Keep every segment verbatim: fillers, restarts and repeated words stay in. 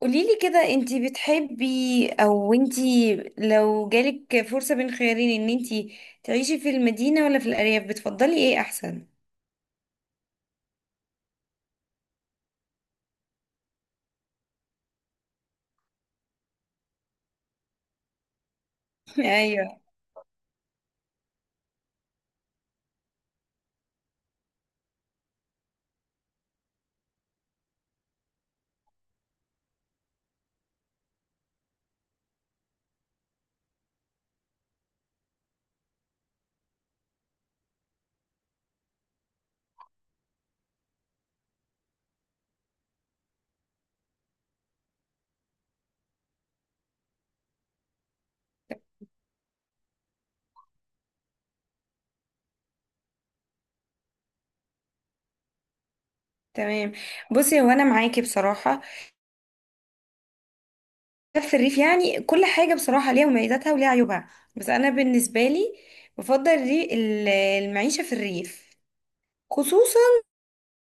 قوليلي كده، انتي بتحبي او انتي لو جالك فرصة بين خيارين ان انتي تعيشي في المدينة ولا في الأرياف، بتفضلي ايه احسن؟ ايوه. تمام. بصي، هو انا معاكي بصراحة، في الريف يعني كل حاجة بصراحة ليها مميزاتها وليها عيوبها، بس انا بالنسبة لي بفضل الري- ال- المعيشة في الريف، خصوصا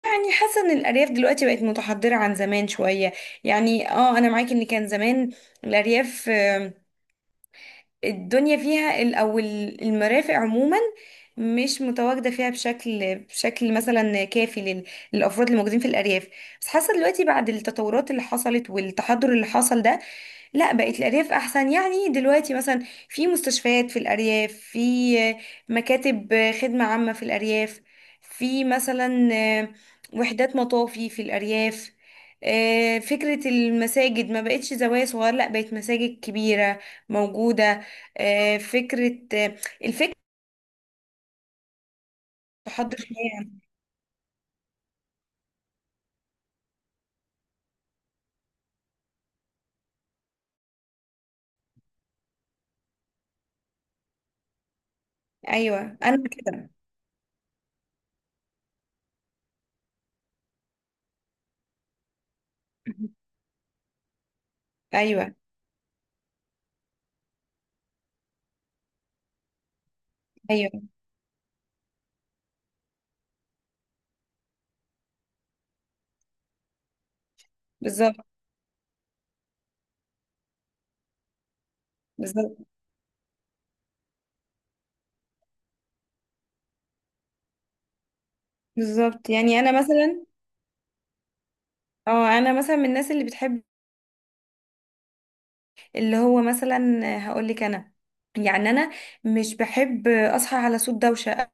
يعني حاسه ان الارياف دلوقتي بقت متحضره عن زمان شويه. يعني اه انا معاكي ان كان زمان الارياف، الدنيا فيها ال- او ال- المرافق عموما مش متواجده فيها بشكل بشكل مثلا كافي لل- للافراد الموجودين في الارياف. بس حاسه دلوقتي بعد التطورات اللي حصلت والتحضر اللي حصل ده، لا بقت الأرياف أحسن. يعني دلوقتي مثلا في مستشفيات في الأرياف، في مكاتب خدمة عامة في الأرياف، في مثلا وحدات مطافي في الأرياف. آه، فكرة المساجد ما بقتش زوايا صغيرة، لا بقت مساجد كبيرة موجودة. آه، فكرة الفكرة تحضر شوية. أيوة أنا كده. أيوة. أيوة. بالظبط. بالظبط. بالظبط يعني أنا مثلا، اه أنا مثلا من الناس اللي بتحب، اللي هو مثلا، هقول لك انا يعني انا مش بحب اصحى على صوت دوشه،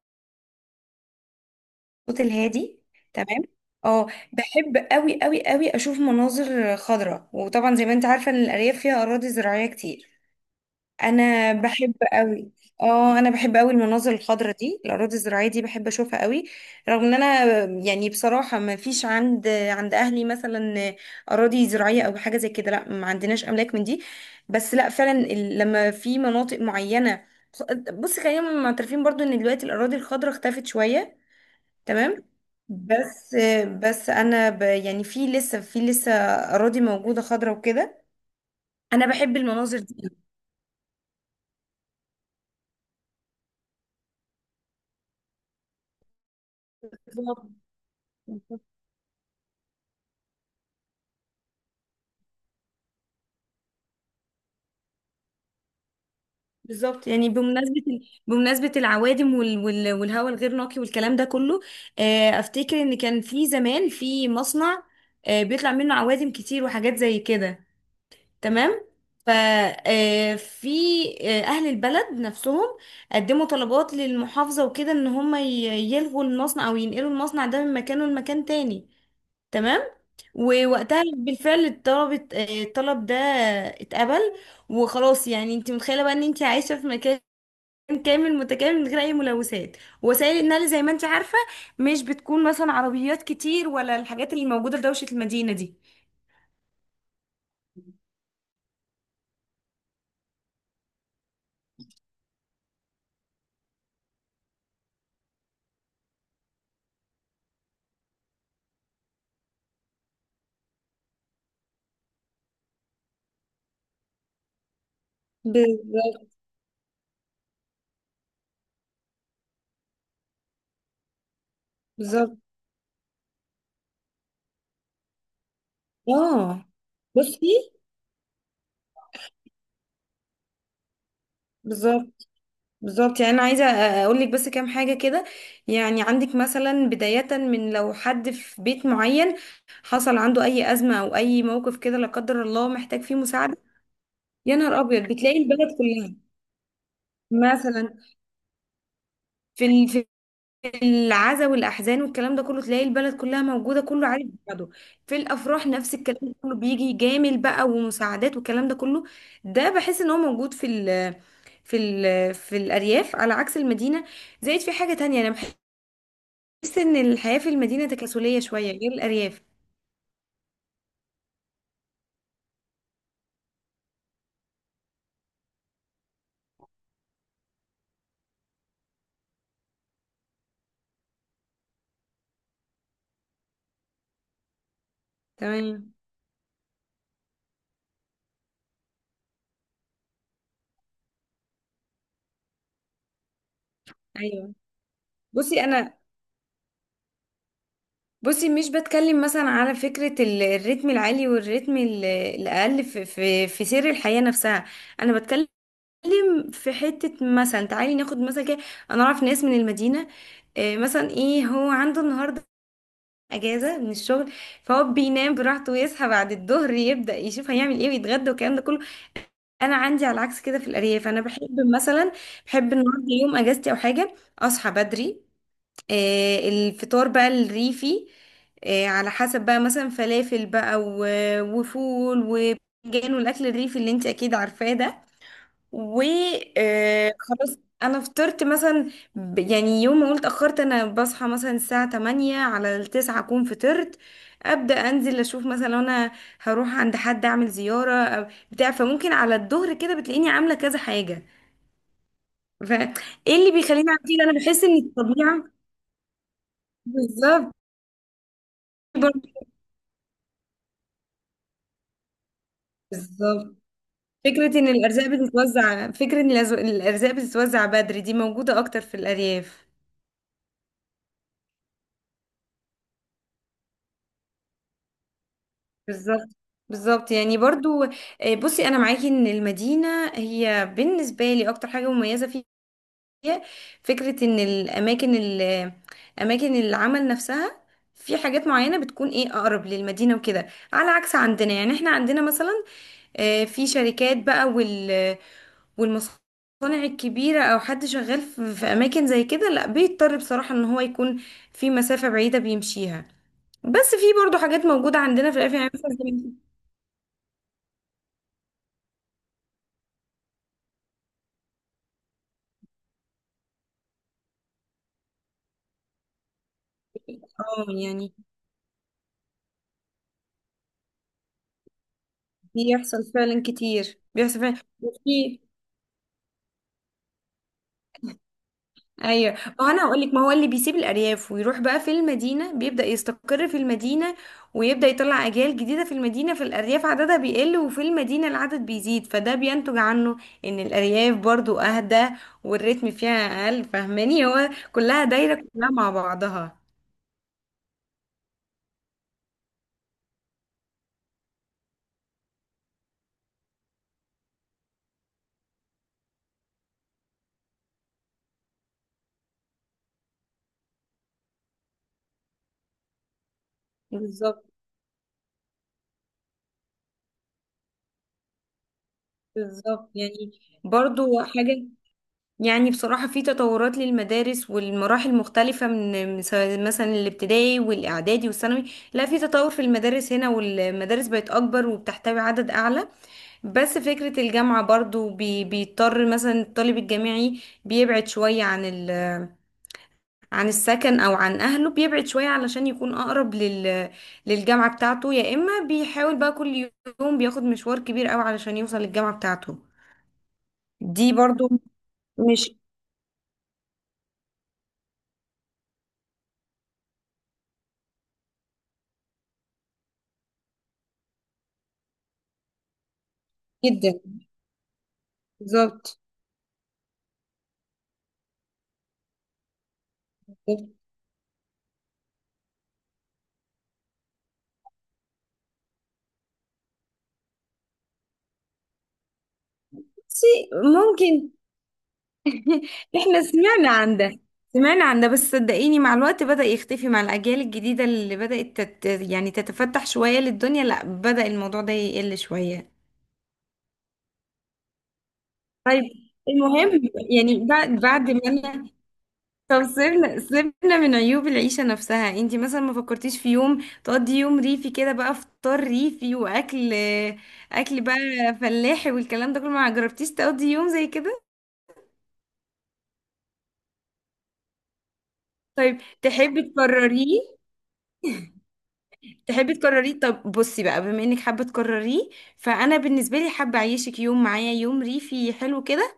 صوت الهادي. تمام. اه بحب قوي قوي قوي اشوف مناظر خضراء، وطبعا زي ما انت عارفه ان الارياف فيها اراضي زراعيه كتير. انا بحب قوي. اه انا بحب قوي المناظر الخضراء دي، الاراضي الزراعيه دي بحب اشوفها قوي، رغم ان انا يعني بصراحه ما فيش عند عند اهلي مثلا اراضي زراعيه او حاجه زي كده. لا، ما عندناش املاك من دي، بس لا فعلا ال- لما في مناطق معينه. بص، خلينا معترفين برضو ان دلوقتي الاراضي الخضراء اختفت شويه. تمام. بس بس انا ب يعني في لسه في لسه اراضي موجوده خضراء وكده. انا بحب المناظر دي. بالظبط يعني بمناسبة بمناسبة العوادم وال... وال... والهواء الغير نقي والكلام ده كله، آه، أفتكر إن كان في زمان في مصنع، آه، بيطلع منه عوادم كتير وحاجات زي كده. تمام. ف آه، في آه، أهل البلد نفسهم قدموا طلبات للمحافظة وكده إن هم ي- يلغوا المصنع أو ينقلوا المصنع ده من مكانه لمكان تاني. تمام. ووقتها بالفعل الطلب آه، الطلب ده اتقبل. وخلاص، يعني انت متخيله بقى ان انت عايشه في مكان كامل متكامل من غير اي ملوثات، وسائل النقل زي ما انت عارفه مش بتكون مثلا عربيات كتير، ولا الحاجات اللي موجوده في دوشه المدينه دي. بالظبط. بالظبط. اه. بصي. بالظبط. بالظبط يعني انا عايزه اقول لك بس كام حاجه كده. يعني عندك مثلا بدايه من لو حد في بيت معين حصل عنده اي ازمه او اي موقف كده، لا قدر الله، محتاج فيه مساعده، يا نهار ابيض بتلاقي البلد كلها. مثلا في ال- في العزا والاحزان والكلام ده كله، تلاقي البلد كلها موجوده، كله عارف بعضه. في الافراح نفس الكلام ده كله، بيجي جامل بقى ومساعدات والكلام ده كله، ده بحس ان هو موجود في ال في ال في الارياف على عكس المدينه. زائد في حاجه تانية، انا بحس ان الحياه في المدينه تكاسليه شويه غير الارياف. تمام. ايوه. بصي انا بصي مش بتكلم مثلا على فكره ال- الريتم العالي والريتم ال- الاقل في في في سير الحياه نفسها. انا بتكلم بتتكلم في حتة مثلا، تعالي ناخد مثلا كده. انا اعرف ناس من المدينة، آه، مثلا ايه هو عنده النهاردة اجازة من الشغل، فهو بينام براحته ويصحى بعد الظهر، يبدأ يشوف هيعمل ايه ويتغدى والكلام ده كله. انا عندي على العكس كده، في الارياف انا بحب مثلا، بحب النهارده يوم اجازتي او حاجة اصحى بدري. آه، الفطار بقى الريفي، آه، على حسب بقى مثلا فلافل بقى و- وفول وباذنجان والاكل الريفي اللي انت اكيد عارفاه ده. وخلاص، انا فطرت مثلا ب- يعني يوم ما قلت اتاخرت انا بصحى مثلا الساعه ثمانية على التسعة اكون فطرت. ابدا انزل اشوف مثلا لو انا هروح عند حد اعمل زياره أو بتاع، فممكن على الظهر كده بتلاقيني عامله كذا حاجه. فايه اللي بيخليني اعمل كده؟ انا بحس ان الطبيعه. بالظبط. برضه- بالظبط فكره ان الارزاق بتتوزع، فكره ان الأز- الارزاق بتتوزع بدري دي موجوده اكتر في الارياف. بالظبط. بالظبط يعني برضو. آه، بصي انا معاكي ان المدينه هي بالنسبه لي اكتر حاجه مميزه فيها فكره ان الاماكن ال- اماكن العمل نفسها، في حاجات معينه بتكون ايه اقرب للمدينه وكده، على عكس عندنا، يعني احنا عندنا مثلا، آه، في شركات بقى وال والمصانع الكبيره او حد شغال في في اماكن زي كده، لا بيضطر بصراحه ان هو يكون في مسافه بعيده بيمشيها. بس في برضو حاجات موجوده عندنا في الافياء يعني مثلا. اه يعني بيحصل فعلا كتير، بيحصل فعلا، وفي. ايوه. وانا هقول لك، ما هو اللي بيسيب الارياف ويروح بقى في المدينه بيبدا يستقر في المدينه ويبدا يطلع اجيال جديده في المدينه، في الارياف عددها بيقل وفي المدينه العدد بيزيد، فده بينتج عنه ان الارياف برضو اهدى، والريتم فيها اقل. فاهماني، هو كلها دايره كلها مع بعضها. بالظبط. بالظبط يعني برضو حاجه، يعني بصراحة في تطورات للمدارس والمراحل مختلفة من من سواء مثلا الابتدائي والإعدادي والثانوي. لا، في تطور في المدارس هنا، والمدارس بقت أكبر وبتحتوي عدد أعلى. بس فكرة الجامعة برضو بي بيضطر مثلا الطالب الجامعي بيبعد شوية عن ال عن السكن أو عن أهله، بيبعد شوية علشان يكون أقرب لل للجامعة بتاعته، يا إما بيحاول بقى كل يوم بياخد مشوار كبير أوي علشان يوصل للجامعة بتاعته. دي برضو. مش. جدا. بالظبط. شيء ممكن. احنا سمعنا عن ده، سمعنا عن ده، بس صدقيني مع الوقت بدأ يختفي مع الأجيال الجديدة اللي بدأت تت... يعني تتفتح شوية للدنيا، لا بدأ الموضوع ده يقل شوية. طيب. المهم، يعني بعد بعد ما انا، طب سيبنا سيبنا من عيوب العيشة نفسها، انتي مثلا ما فكرتيش في يوم تقضي يوم ريفي كده، بقى فطار ريفي وأكل، أكل بقى فلاحي والكلام ده كله، ما جربتيش تقضي يوم زي كده؟ طيب تحبي تكرريه؟ تحبي تكرريه طب بصي بقى بما انك حابه تكرريه، فانا بالنسبه لي حابه اعيشك يوم معايا، يوم ريفي حلو كده،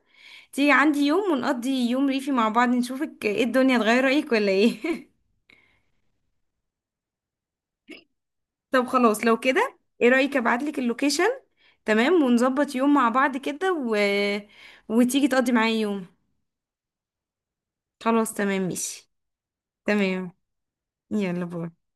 تيجي عندي يوم ونقضي يوم ريفي مع بعض، نشوفك ايه الدنيا تغير رايك ولا ايه. طب خلاص، لو كده ايه رايك ابعتلك اللوكيشن. تمام، ونظبط يوم مع بعض كده و... وتيجي تقضي معايا يوم. خلاص تمام ماشي. تمام. يلا باي.